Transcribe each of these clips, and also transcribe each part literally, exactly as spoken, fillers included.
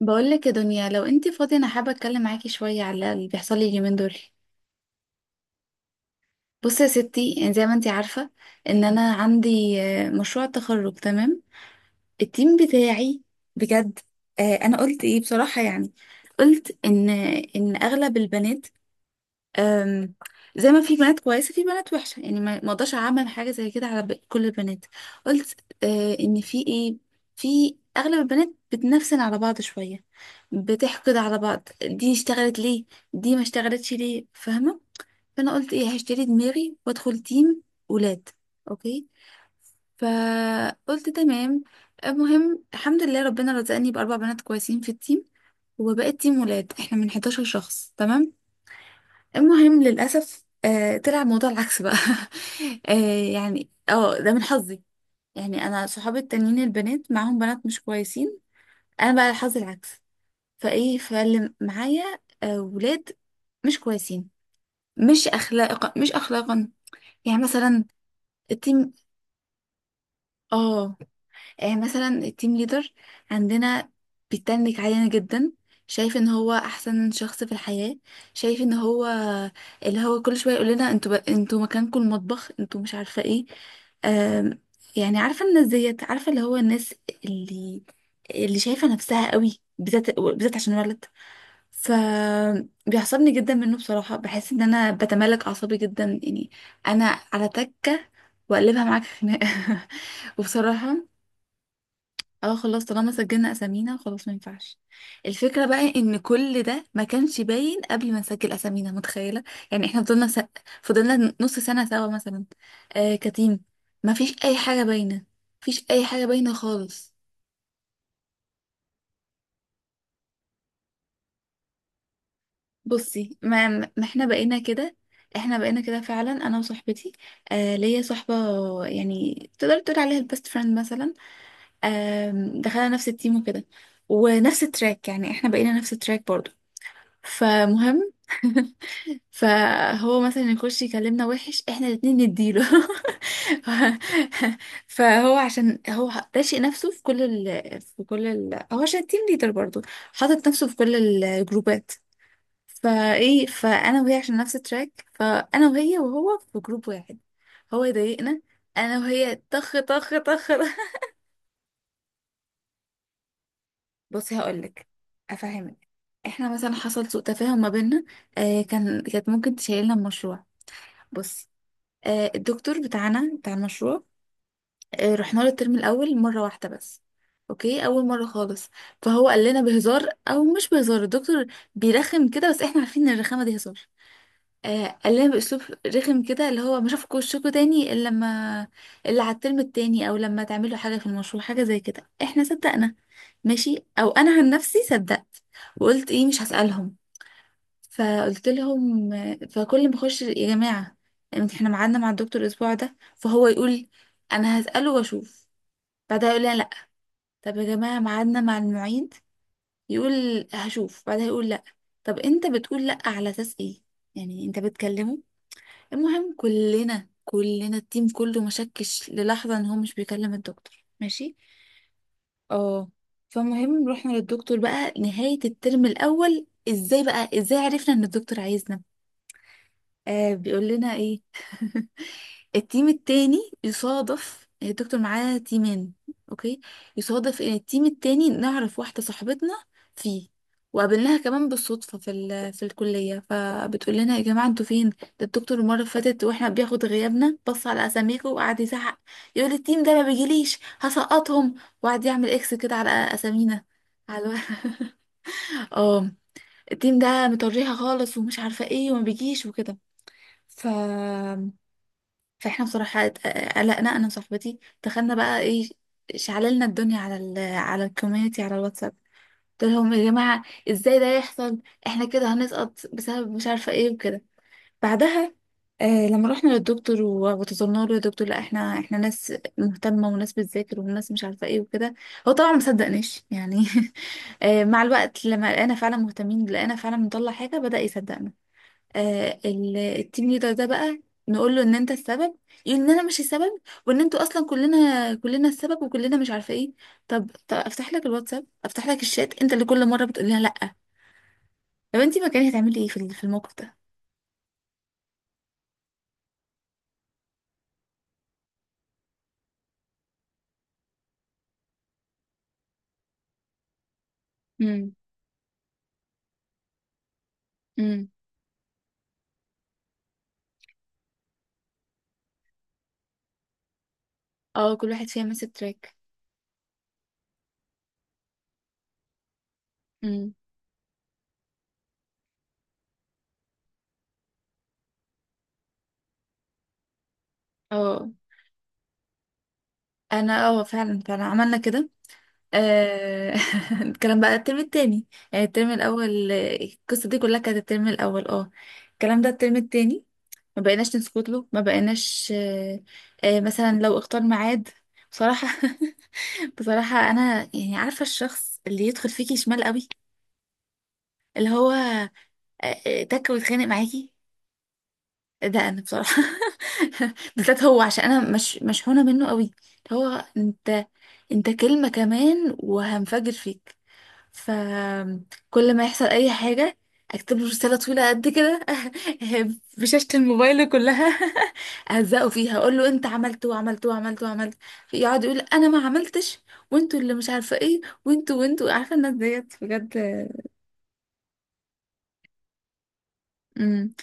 بقولك يا دنيا، لو انت فاضية، انا حابة اتكلم معاكي شوية على اللي بيحصل لي اليومين دول. بصي يا ستي, يعني زي ما انت عارفة ان انا عندي آه، مشروع تخرج، تمام؟ التيم بتاعي بجد. آه، انا قلت ايه بصراحة؟ يعني قلت ان ان اغلب البنات، أم، زي ما في بنات كويسة في بنات وحشة، يعني ما ما اقدرش اعمم حاجة زي كده على ب- كل البنات. قلت آه ان في ايه؟ في اغلب البنات بتنفسن على بعض شوية، بتحقد على بعض، دي اشتغلت ليه، دي ما اشتغلتش ليه، فاهمة؟ فانا قلت ايه، هشتري دماغي وادخل تيم ولاد، اوكي. فقلت تمام. المهم، الحمد لله ربنا رزقني باربع بنات كويسين في التيم، وبقيت تيم ولاد، احنا من حداشر شخص، تمام. المهم، للأسف آه طلع الموضوع العكس بقى. آه يعني اه ده من حظي. يعني انا صحابي التانيين البنات معاهم بنات مش كويسين، انا بقى حظي العكس. فايه، فاللي معايا آه ولاد مش كويسين، مش اخلاقا، مش اخلاقا. يعني مثلا التيم اه آه، مثلا التيم ليدر عندنا بيتنك علينا جدا، شايف ان هو احسن شخص في الحياة. شايف ان هو اللي هو كل شوية يقول لنا انتوا بق- انتوا مكانكم المطبخ، انتوا مش عارفة ايه. آم، يعني عارفة الناس ديت، عارفة اللي هو الناس اللي اللي شايفة نفسها قوي، بالذات بالذات عشان ولد. ف بيعصبني جدا منه بصراحة، بحس ان انا بتملك اعصابي جدا يعني. انا على تكة واقلبها معاك خناقة. وبصراحة، اه خلاص طالما سجلنا اسامينا خلاص ما ينفعش. الفكره بقى ان كل ده ما كانش باين قبل ما نسجل اسامينا، متخيله؟ يعني احنا فضلنا س... فضلنا نص سنه سوا مثلا، آه كتيم، ما فيش اي حاجه باينه، ما فيش اي حاجه باينه خالص. بصي، ما, ما احنا بقينا كده، احنا بقينا كده فعلا انا وصاحبتي. آه ليا صاحبه، يعني تقدر تقول عليها البيست فريند مثلا. آم، دخلنا نفس التيم وكده، ونفس التراك، يعني احنا بقينا نفس التراك برضو. فمهم. فهو مثلا يخش يكلمنا وحش، احنا الاتنين نديله. ف- فهو عشان هو راشق نفسه في كل ال في كل ال هو، عشان تيم ليدر برضه، حاطط نفسه في كل الجروبات. فايه، فانا وهي عشان نفس التراك، فانا وهي وهو في جروب واحد. هو يضايقنا، انا وهي طخ طخ طخ. بصي هقولك، افهمك. احنا مثلا حصل سوء تفاهم ما بيننا. آه كان كانت ممكن تشيلنا المشروع. بصي، آه، الدكتور بتاعنا بتاع المشروع، آه، رحنا له الترم الاول مره واحده بس، اوكي، اول مره خالص. فهو قال لنا بهزار او مش بهزار، الدكتور بيرخم كده، بس احنا عارفين ان الرخامه دي هزار. آه، قال لنا باسلوب رخم كده، اللي هو ما اشوفكوا وشكوا تاني الا لما الا على الترم التاني، او لما تعملوا حاجه في المشروع، حاجه زي كده. احنا صدقنا، ماشي، او انا عن نفسي صدقت، وقلت ايه مش هسالهم. فقلت لهم، فكل ما اخش يا جماعه، يعني احنا ميعادنا مع الدكتور الاسبوع ده، فهو يقول انا هساله واشوف، بعدها يقول لا، لا. طب يا جماعه ميعادنا مع المعيد، يقول هشوف، بعدها يقول لا. طب انت بتقول لا على اساس ايه؟ يعني انت بتكلمه؟ المهم كلنا كلنا التيم كله ما شكش للحظه ان هو مش بيكلم الدكتور، ماشي. اه فالمهم رحنا للدكتور بقى نهايه الترم الاول. ازاي بقى، ازاي عرفنا ان الدكتور عايزنا؟ آه بيقول لنا ايه؟ التيم التاني، يصادف الدكتور معاه تيمين، اوكي، يصادف ان التيم التاني نعرف واحدة صاحبتنا فيه، وقابلناها كمان بالصدفة في ال... في الكلية. فبتقول لنا يا جماعة انتوا فين؟ ده الدكتور المرة اللي فاتت واحنا بياخد غيابنا، بص على اساميكم وقعد يزعق، يقول التيم ده ما بيجيليش هسقطهم، وقعد يعمل اكس كده على اسامينا. على اه، التيم ده مطريها خالص، ومش عارفة ايه، وما بيجيش وكده. ف فاحنا بصراحة ات- قلقنا انا وصاحبتي. دخلنا بقى ايه، شعللنا الدنيا على ال على الكوميونتي، على الواتساب. قلت لهم يا جماعة ازاي ده يحصل، احنا كده هنسقط بسبب مش عارفة ايه وكده. بعدها آه لما رحنا للدكتور و- وتظلمنا له، يا دكتور لا احنا احنا ناس مهتمة وناس بتذاكر وناس مش عارفة ايه وكده. هو طبعا ما صدقناش يعني. آه مع الوقت لما لقينا فعلا مهتمين، لقينا فعلا بنطلع حاجة، بدأ يصدقنا. آه ال- التيم ليدر ده بقى، نقول له ان انت السبب، يقول ان انا مش السبب، وان انتوا اصلا كلنا كلنا السبب وكلنا مش عارفه ايه. طب, طب افتح لك الواتساب، افتح لك الشات، انت اللي كل مره بتقول لها لا. طب انت مكاني هتعملي ايه في ال- في الموقف ده؟ امم. امم. اه، كل واحد فيها ماسك تراك. امم. اه. انا اه فعلا فعلا عملنا كده. آه، الكلام بقى الترم التاني، يعني الترم الأول، آه، القصة دي كلها كانت الترم الأول. اه. الكلام ده الترم التاني، ما بقيناش نسكت له، ما بقيناش آه، آه، مثلا لو اختار ميعاد، بصراحة. بصراحة أنا يعني عارفة الشخص اللي يدخل فيكي شمال قوي، اللي هو آه، آه، تك ويتخانق معاكي، ده أنا بصراحة. بالذات هو، عشان أنا مش مشحونة منه قوي، اللي هو أنت أنت كلمة كمان وهنفجر فيك. فكل ما يحصل اي حاجه اكتب له رساله طويله قد كده، بشاشه الموبايل كلها. اهزقه فيها، اقول له انت عملت وعملت وعملت وعملت. يقعد يقول انا ما عملتش، وانتوا اللي مش عارفه ايه، وانتوا وانتوا عارفه الناس ديت بجد. امم.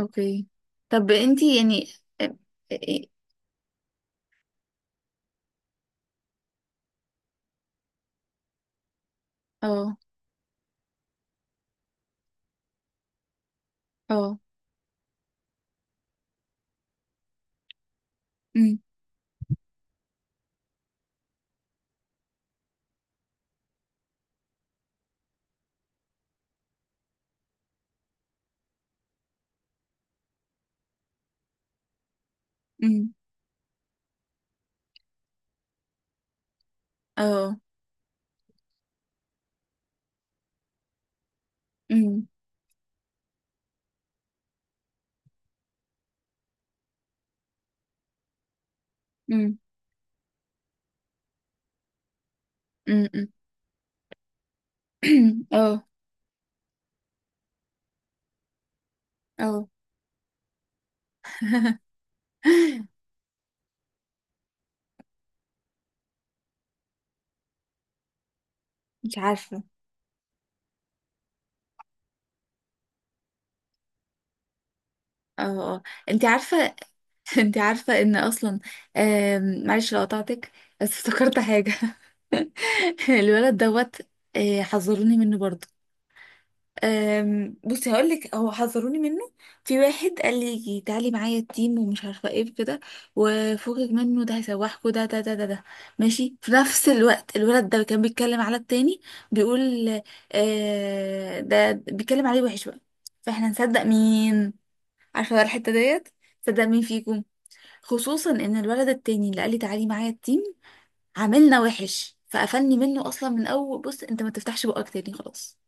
اوكي. طب انتي يعني؟ اه. اه. امم. امم. اه. امم. امم. امم. اه. اه. مش عارفه. اه. اه. انت عارفه. انت عارفة ان اصلا آم، معلش لو قطعتك، بس افتكرت حاجة. الولد دوت، آه، حذروني منه برضو. آم، بصي هقولك، هو حذروني منه. في واحد قال لي تعالي معايا التيم ومش عارفة ايه كده، وفوقك منه ده هيسوحكوا ده ده ده ده ده، ماشي. في نفس الوقت الولد ده كان بيتكلم على التاني، بيقول آه، ده بيتكلم عليه وحش بقى. فاحنا نصدق مين؟ عارفة بقى الحتة ديت، صدق مين فيكم؟ خصوصا ان الولد التاني اللي قال لي تعالي معايا التيم عاملنا وحش، فقفلني منه اصلا من اول بص، انت ما تفتحش بقك تاني خلاص.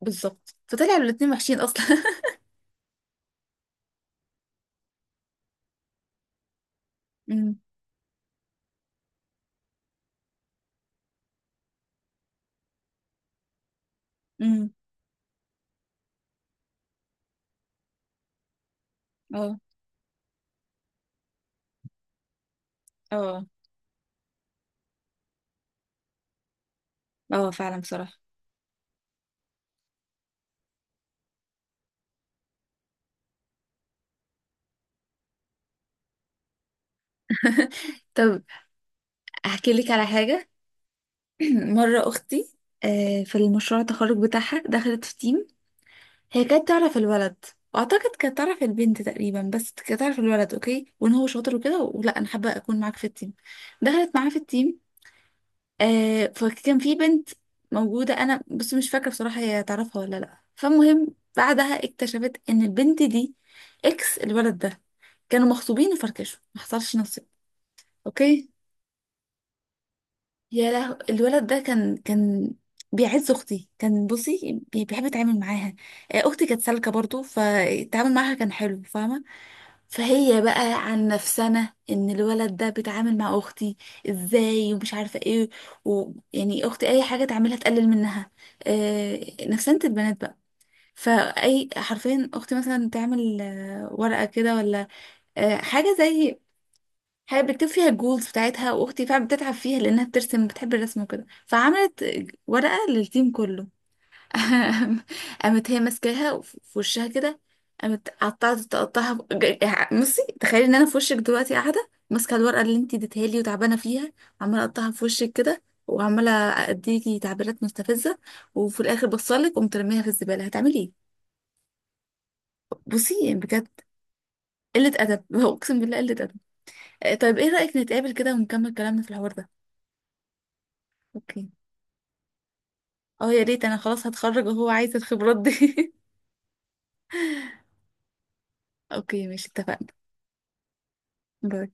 بالظبط، فطلعوا الاتنين وحشين اصلا. امم. امم. اه. اه. اه فعلا بصراحة. طب احكي لك على حاجة. مرة اختي آه، في المشروع التخرج بتاعها دخلت في تيم. هي كانت تعرف الولد، واعتقد كانت تعرف البنت تقريبا، بس كانت تعرف الولد اوكي، وان هو شاطر وكده، ولا انا حابة اكون معاك في التيم. دخلت معاه في التيم. آه فكان في بنت موجودة، أنا بس مش فاكرة بصراحة هي تعرفها ولا لأ. فالمهم بعدها اكتشفت إن البنت دي إكس الولد ده، كانوا مخطوبين وفركشوا، ما حصلش نصيب. أوكي، يا له الولد ده، كان كان بيعز أختي، كان بصي بي- بيحب يتعامل معاها. آه، أختي كانت سالكة برضو، فالتعامل معاها كان حلو، فاهمة؟ فهي بقى عن نفسنا ان الولد ده بيتعامل مع اختي ازاي ومش عارفه ايه، ويعني اختي اي حاجه تعملها تقلل منها، آه نفسنة البنات بقى. فاي حرفيا، اختي مثلا تعمل آه، ورقه كده، ولا آه حاجه زي حاجه بتكتب فيها الجولز بتاعتها، واختي فعلا بتتعب فيها لانها بترسم، بتحب الرسم وكده، فعملت ورقه للتيم كله. قامت هي ماسكاها وف- في وشها كده، قامت قطعت تقطعها ب- ج- بصي تخيلي ان انا في وشك دلوقتي قاعده ماسكه الورقه اللي انت اديتها لي وتعبانه فيها، عماله اقطعها في وشك كده، وعماله اديكي تعبيرات مستفزه، وفي الاخر بصلك قمت رميها في الزباله. هتعملي ايه؟ بصي يعني بجد، قله ادب. اقسم بالله قله ادب. آه، طيب ايه رايك نتقابل كده ونكمل كلامنا في الحوار ده؟ اوكي. اه يا ريت، انا خلاص هتخرج وهو عايز الخبرات دي. اوكي، ماشي، اتفقنا. باي.